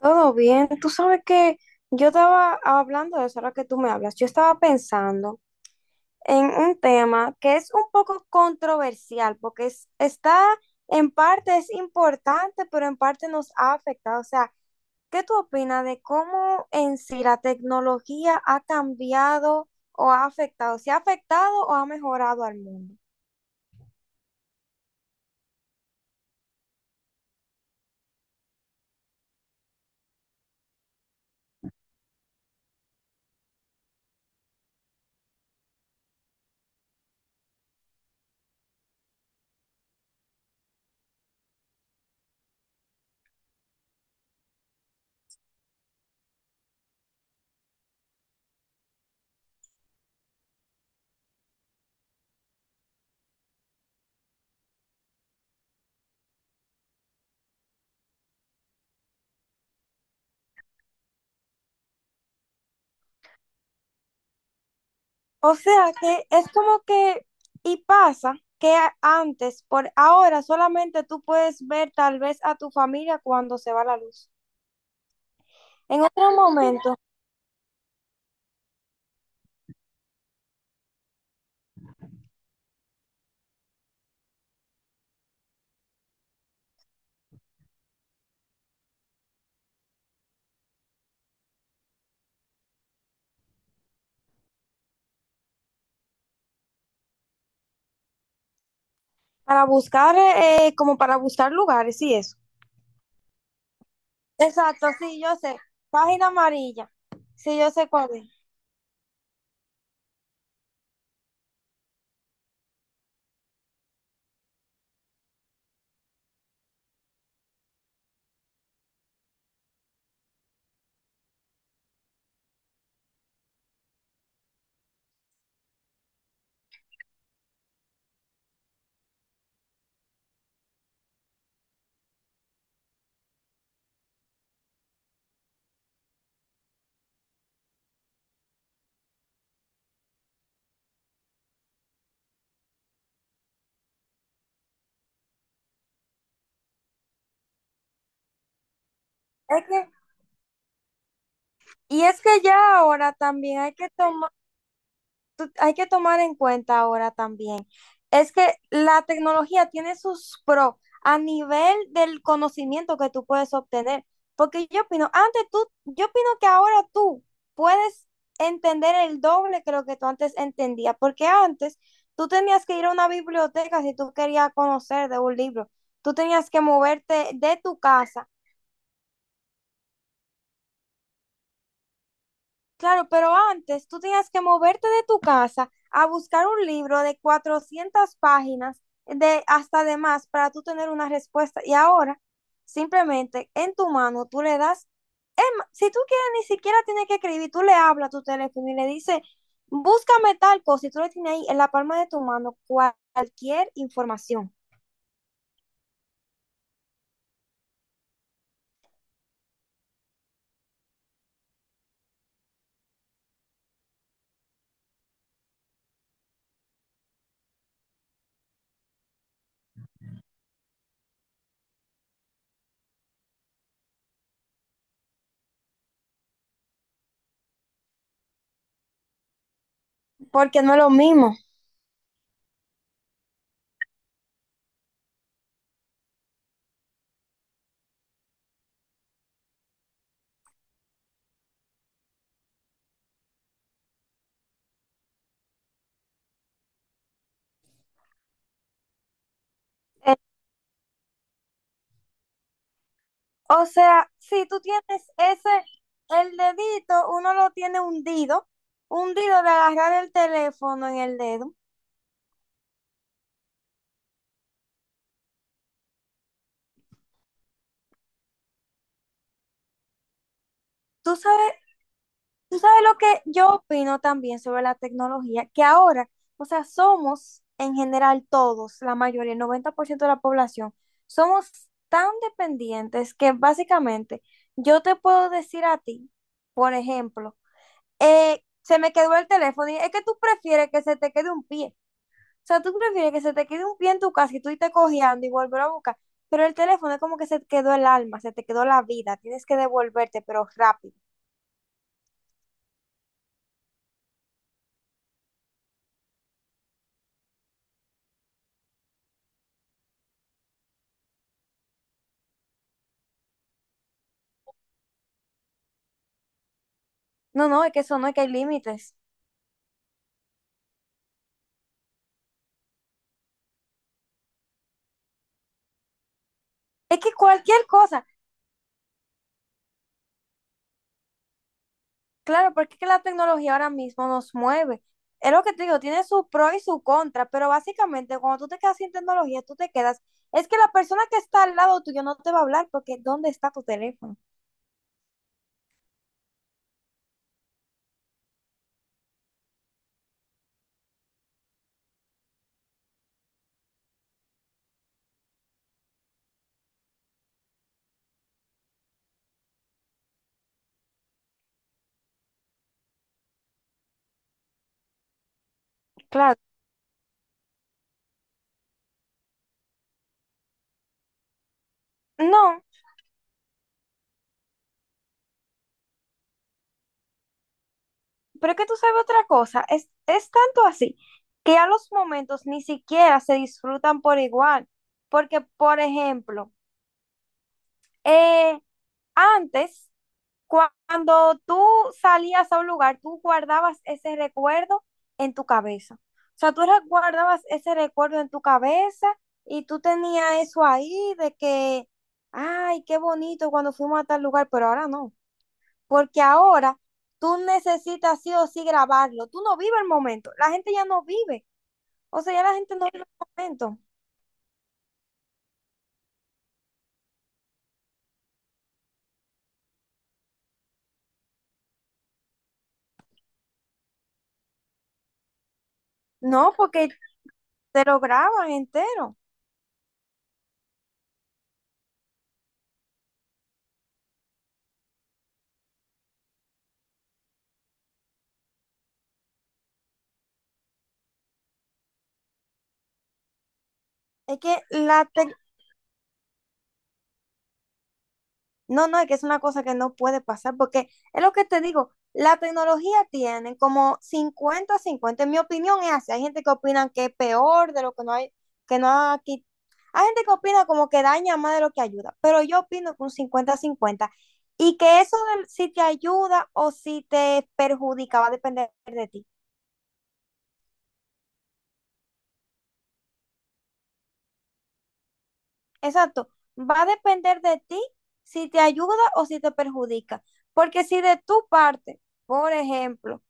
Todo bien. Tú sabes que yo estaba hablando de eso ahora que tú me hablas. Yo estaba pensando en un tema que es un poco controversial está en parte es importante, pero en parte nos ha afectado. O sea, ¿qué tú opinas de cómo en sí la tecnología ha cambiado o ha afectado? ¿Se ha afectado o ha mejorado al mundo? O sea que es como que, y pasa antes, por ahora solamente tú puedes ver tal vez a tu familia cuando se va la luz. En otro momento, para buscar, como para buscar lugares y eso. Exacto, sí, yo sé. Página amarilla. Sí, yo sé cuál es. Es que, y es que ya ahora también hay que tomar hay que tomar en cuenta ahora también, es que la tecnología tiene sus pros a nivel del conocimiento que tú puedes obtener, porque yo opino que ahora tú puedes entender el doble que lo que tú antes entendías, porque antes tú tenías que ir a una biblioteca si tú querías conocer de un libro, tú tenías que moverte de tu casa. Claro, pero antes tú tenías que moverte de tu casa a buscar un libro de 400 páginas, de hasta de más, para tú tener una respuesta. Y ahora, simplemente en tu mano, tú le das, si tú quieres, ni siquiera tienes que escribir, tú le hablas a tu teléfono y le dices, búscame tal cosa, y tú le tienes ahí en la palma de tu mano cualquier información. Porque no es lo mismo. Eh, o sea, si tú tienes ese, el dedito, uno lo tiene hundido, hundido de agarrar el teléfono en el dedo. Tú sabes, tú sabes lo que yo opino también sobre la tecnología, que ahora, o sea, somos en general todos, la mayoría, el 90% de la población, somos tan dependientes que básicamente yo te puedo decir a ti, por ejemplo, se me quedó el teléfono y es que tú prefieres que se te quede un pie. O sea, tú prefieres que se te quede un pie en tu casa y tú irte cojeando y volver a buscar. Pero el teléfono es como que se te quedó el alma, se te quedó la vida. Tienes que devolverte, pero rápido. No, no, es que eso no, es que hay límites. Es que cualquier cosa, claro, porque es que la tecnología ahora mismo nos mueve. Es lo que te digo, tiene su pro y su contra, pero básicamente cuando tú te quedas sin tecnología, tú te quedas. Es que la persona que está al lado tuyo no te va a hablar porque ¿dónde está tu teléfono? Claro. No, pero es que tú sabes otra cosa, es tanto así que a los momentos ni siquiera se disfrutan por igual. Porque, por ejemplo, eh, antes, cuando tú salías a un lugar, tú guardabas ese recuerdo en tu cabeza. O sea, guardabas ese recuerdo en tu cabeza y tú tenías eso ahí de que, ay, qué bonito cuando fuimos a tal lugar, pero ahora no porque ahora tú necesitas sí o sí grabarlo. Tú no vives el momento. La gente ya no vive. O sea, ya la gente no vive el momento. No, porque te lo graban entero. Es que la. No, no, es que es una cosa que no puede pasar, porque es lo que te digo, la tecnología tiene como 50-50, en mi opinión es así, hay gente que opina que es peor de lo que no hay, que no ha quit- hay gente que opina como que daña más de lo que ayuda, pero yo opino que un 50-50 y que eso si te ayuda o si te perjudica va a depender de ti, exacto, va a depender de ti si te ayuda o si te perjudica, porque si de tu parte, por ejemplo,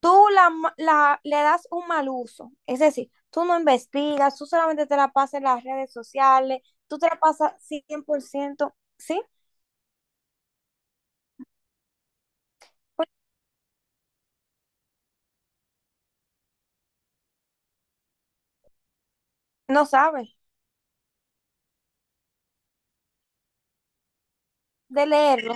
tú la, le das un mal uso, es decir, tú no investigas, tú solamente te la pasas en las redes sociales, tú te la pasas 100%, ¿sí? Pues, no sabes de leerlo.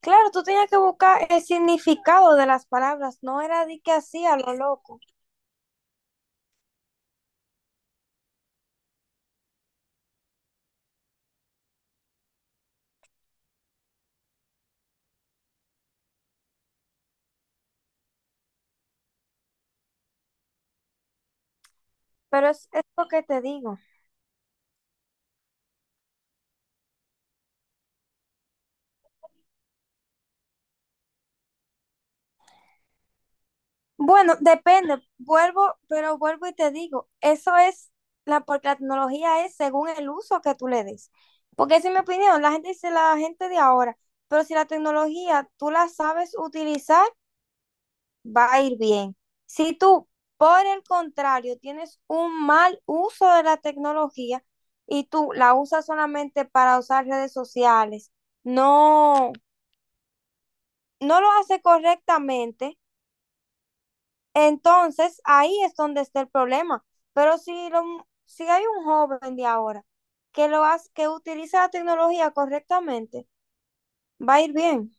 Claro, tú tenías que buscar el significado de las palabras, no era de que así a lo loco, pero es lo que te digo. Bueno, depende, vuelvo, pero vuelvo y te digo, eso es la, porque la tecnología es según el uso que tú le des. Porque esa es mi opinión, la gente dice la gente de ahora, pero si la tecnología tú la sabes utilizar, va a ir bien. Si tú, por el contrario, tienes un mal uso de la tecnología y tú la usas solamente para usar redes sociales, no, no lo hace correctamente. Entonces, ahí es donde está el problema. Pero si, lo, si hay un joven de ahora que utiliza la tecnología correctamente, va a ir bien.